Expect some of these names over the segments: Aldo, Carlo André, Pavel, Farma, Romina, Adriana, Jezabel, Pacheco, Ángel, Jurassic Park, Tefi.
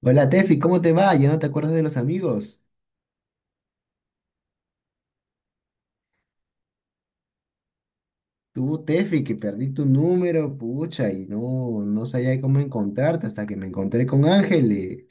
Hola Tefi, ¿cómo te va? ¿Ya no te acuerdas de los amigos? Tú, Tefi, que perdí tu número, pucha, y no sabía cómo encontrarte hasta que me encontré con Ángel.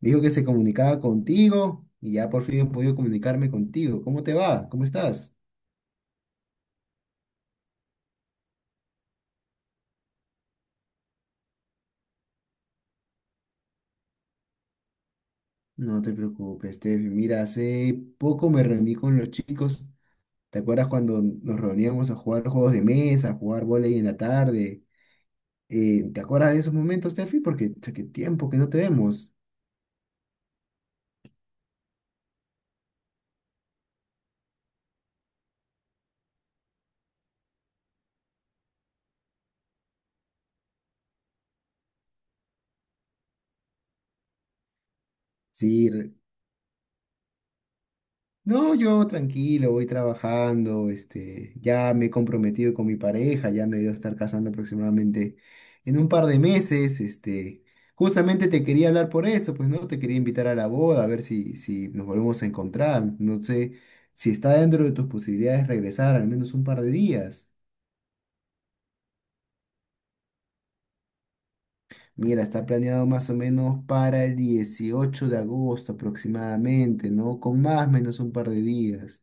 Dijo que se comunicaba contigo y ya por fin he podido comunicarme contigo. ¿Cómo te va? ¿Cómo estás? No te preocupes, Tefi. Mira, hace poco me reuní con los chicos. ¿Te acuerdas cuando nos reuníamos a jugar juegos de mesa, a jugar vóley en la tarde? ¿Te acuerdas de esos momentos, Tefi? Porque, cha, qué tiempo que no te vemos. Sí, no, yo tranquilo, voy trabajando, este, ya me he comprometido con mi pareja, ya me debo estar casando aproximadamente en un par de meses, este, justamente te quería hablar por eso, pues no, te quería invitar a la boda, a ver si nos volvemos a encontrar, no sé si está dentro de tus posibilidades regresar al menos un par de días. Mira, está planeado más o menos para el 18 de agosto aproximadamente, ¿no? Con más o menos un par de días.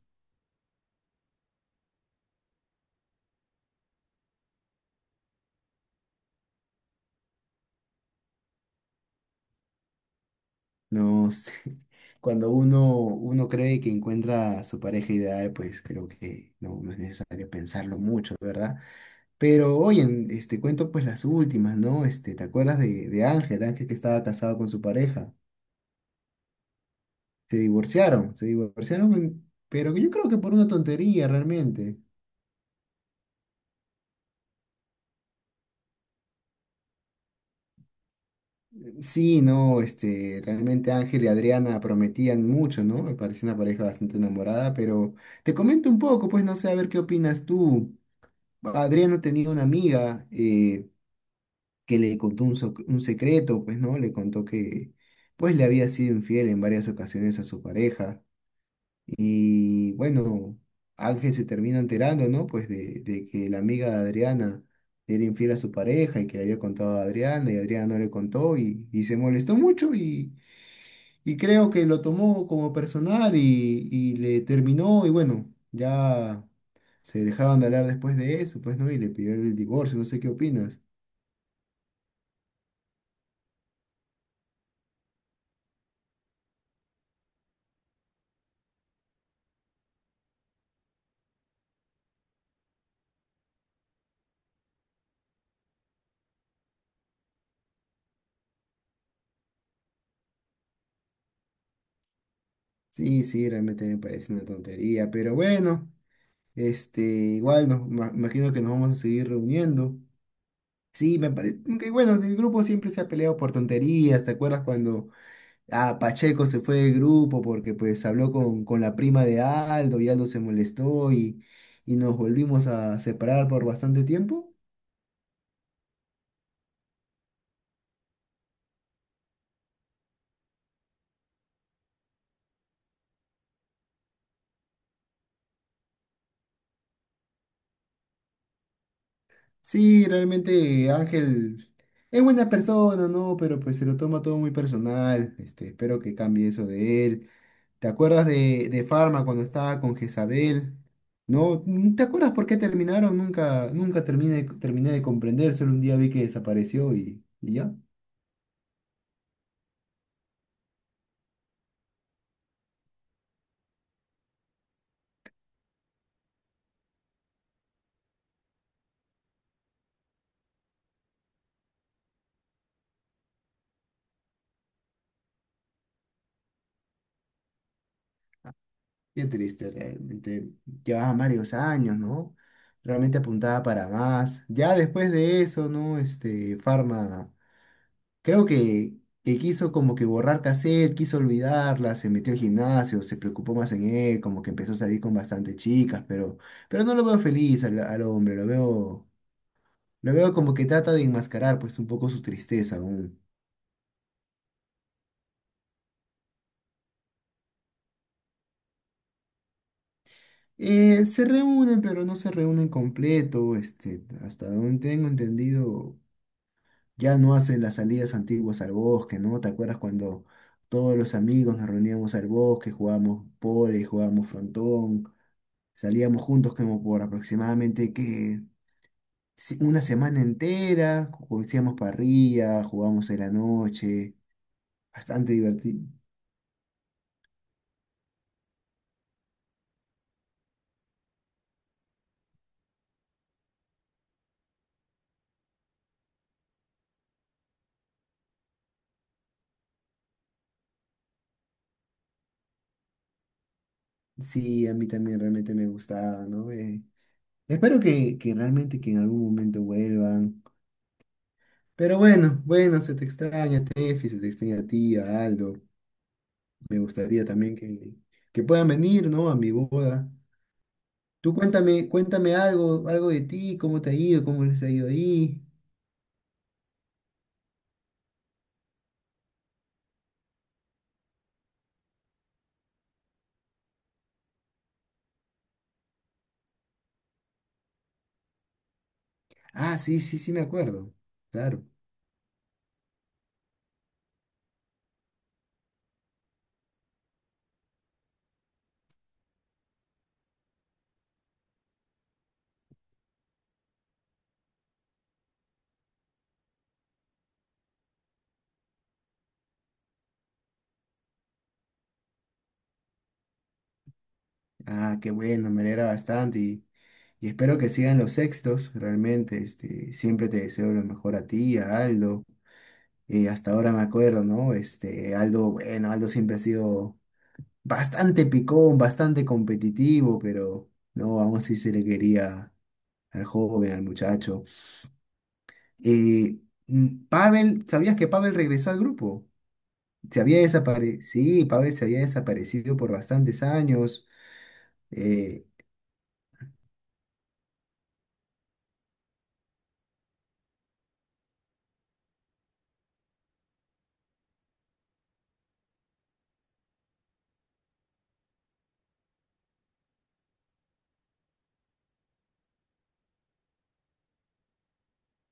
No sé. Cuando uno cree que encuentra a su pareja ideal, pues creo que no es necesario pensarlo mucho, ¿verdad? Pero oye, este cuento pues las últimas, ¿no? Este, ¿te acuerdas de Ángel? Ángel que estaba casado con su pareja. Se divorciaron, pero yo creo que por una tontería realmente. Sí, no, este, realmente Ángel y Adriana prometían mucho, ¿no? Me pareció una pareja bastante enamorada, pero te comento un poco, pues no sé, a ver qué opinas tú. Adriana tenía una amiga que le contó un secreto, pues, ¿no? Le contó que, pues, le había sido infiel en varias ocasiones a su pareja. Y bueno, Ángel se termina enterando, ¿no? Pues de que la amiga de Adriana era infiel a su pareja y que le había contado a Adriana y Adriana no le contó y se molestó mucho y creo que lo tomó como personal y le terminó y bueno, ya se dejaban de hablar después de eso, pues no, y le pidió el divorcio, no sé qué opinas. Sí, sí, realmente me parece una tontería, pero bueno, este, igual imagino que nos vamos a seguir reuniendo. Sí, me parece, que bueno, el grupo siempre se ha peleado por tonterías, ¿te acuerdas cuando Pacheco se fue del grupo porque pues habló con la prima de Aldo y Aldo se molestó y nos volvimos a separar por bastante tiempo? Sí, realmente Ángel es buena persona, ¿no? Pero pues se lo toma todo muy personal. Este, espero que cambie eso de él. ¿Te acuerdas de Farma cuando estaba con Jezabel? ¿No? Mm. ¿Te acuerdas por qué terminaron? Nunca terminé de comprender. Solo un día vi que desapareció y ya. Qué triste, realmente. Llevaba varios años, ¿no? Realmente apuntaba para más. Ya después de eso, ¿no? Este, Farma. Creo que quiso como que borrar cassette, quiso olvidarla, se metió al gimnasio, se preocupó más en él, como que empezó a salir con bastantes chicas, pero no lo veo feliz al hombre, lo veo como que trata de enmascarar pues un poco su tristeza aún. Se reúnen, pero no se reúnen completo, este, hasta donde tengo entendido, ya no hacen las salidas antiguas al bosque, ¿no? ¿Te acuerdas cuando todos los amigos nos reuníamos al bosque, jugábamos pole, jugábamos frontón? Salíamos juntos como por aproximadamente que una semana entera, hacíamos parrilla, jugábamos en la noche, bastante divertido. Sí, a mí también realmente me gustaba, ¿no? Espero que realmente que en algún momento vuelvan. Pero bueno, se te extraña, Tefi, se te extraña a ti, a Aldo. Me gustaría también que puedan venir, ¿no? A mi boda. Tú cuéntame, cuéntame algo, algo de ti, cómo te ha ido, cómo les ha ido ahí. Ah, sí, sí, sí, me acuerdo. Claro. Ah, qué bueno, me alegra bastante y espero que sigan los éxitos, realmente, este, siempre te deseo lo mejor a ti, a Aldo, y hasta ahora me acuerdo, ¿no? Este, Aldo, bueno, Aldo siempre ha sido bastante picón, bastante competitivo, pero no, aún así se le quería al joven, al muchacho. Eh, Pavel, ¿sabías que Pavel regresó al grupo? Se había desaparecido, sí, Pavel se había desaparecido por bastantes años. eh,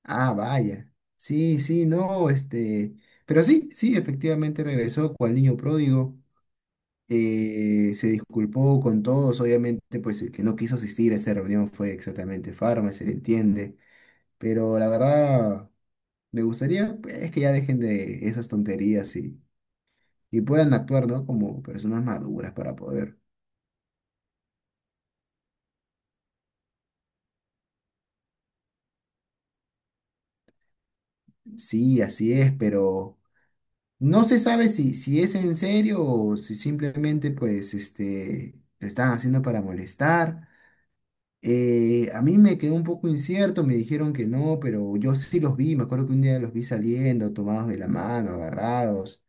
Ah, vaya. Sí, sí, no, este. Pero sí, sí, efectivamente regresó cual niño pródigo. Se disculpó con todos, obviamente, pues el que no quiso asistir a esa reunión fue exactamente Farmer, se le entiende. Pero la verdad, me gustaría, pues, es que ya dejen de esas tonterías y puedan actuar, ¿no? Como personas maduras para poder. Sí, así es, pero no se sabe si, si es en serio o si simplemente, pues, este, lo están haciendo para molestar. A mí me quedó un poco incierto, me dijeron que no, pero yo sí los vi, me acuerdo que un día los vi saliendo, tomados de la mano, agarrados.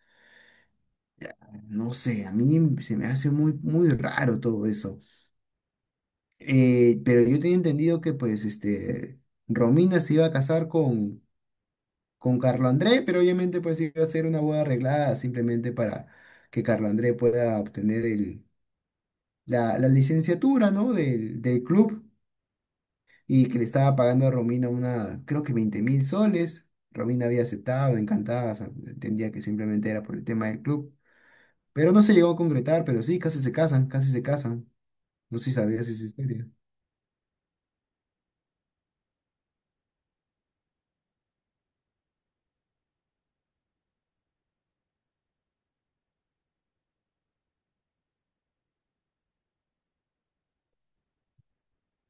No sé, a mí se me hace muy raro todo eso. Pero yo tenía entendido que pues este, Romina se iba a casar con Carlo André, pero obviamente pues iba a ser una boda arreglada simplemente para que Carlo André pueda obtener la licenciatura, ¿no? del club. Y que le estaba pagando a Romina una, creo que 20.000 soles. Romina había aceptado, encantada, o sea, entendía que simplemente era por el tema del club. Pero no se llegó a concretar, pero sí, casi se casan. No sé si sabías esa historia.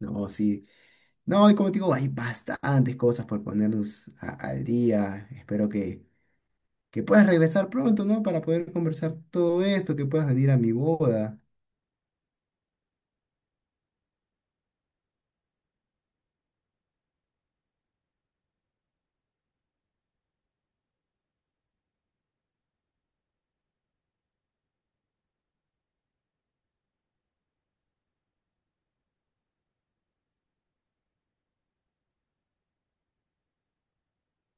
No, sí. No, y como te digo, hay bastantes cosas por ponernos al día. Espero que puedas regresar pronto, ¿no? Para poder conversar todo esto, que puedas venir a mi boda.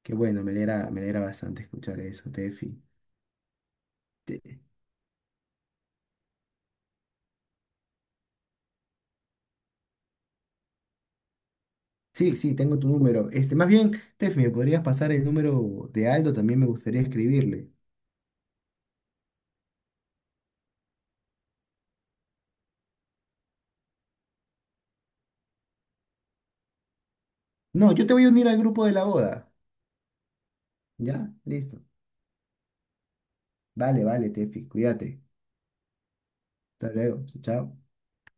Que bueno, me alegra bastante escuchar eso, Tefi. Sí, sí, tengo tu número. Este, más bien, Tef, ¿me podrías pasar el número de Aldo? También me gustaría escribirle. No, yo te voy a unir al grupo de la boda. ¿Ya? Listo. Vale, vale, Tefi, cuídate. Hasta luego. Chao, chao.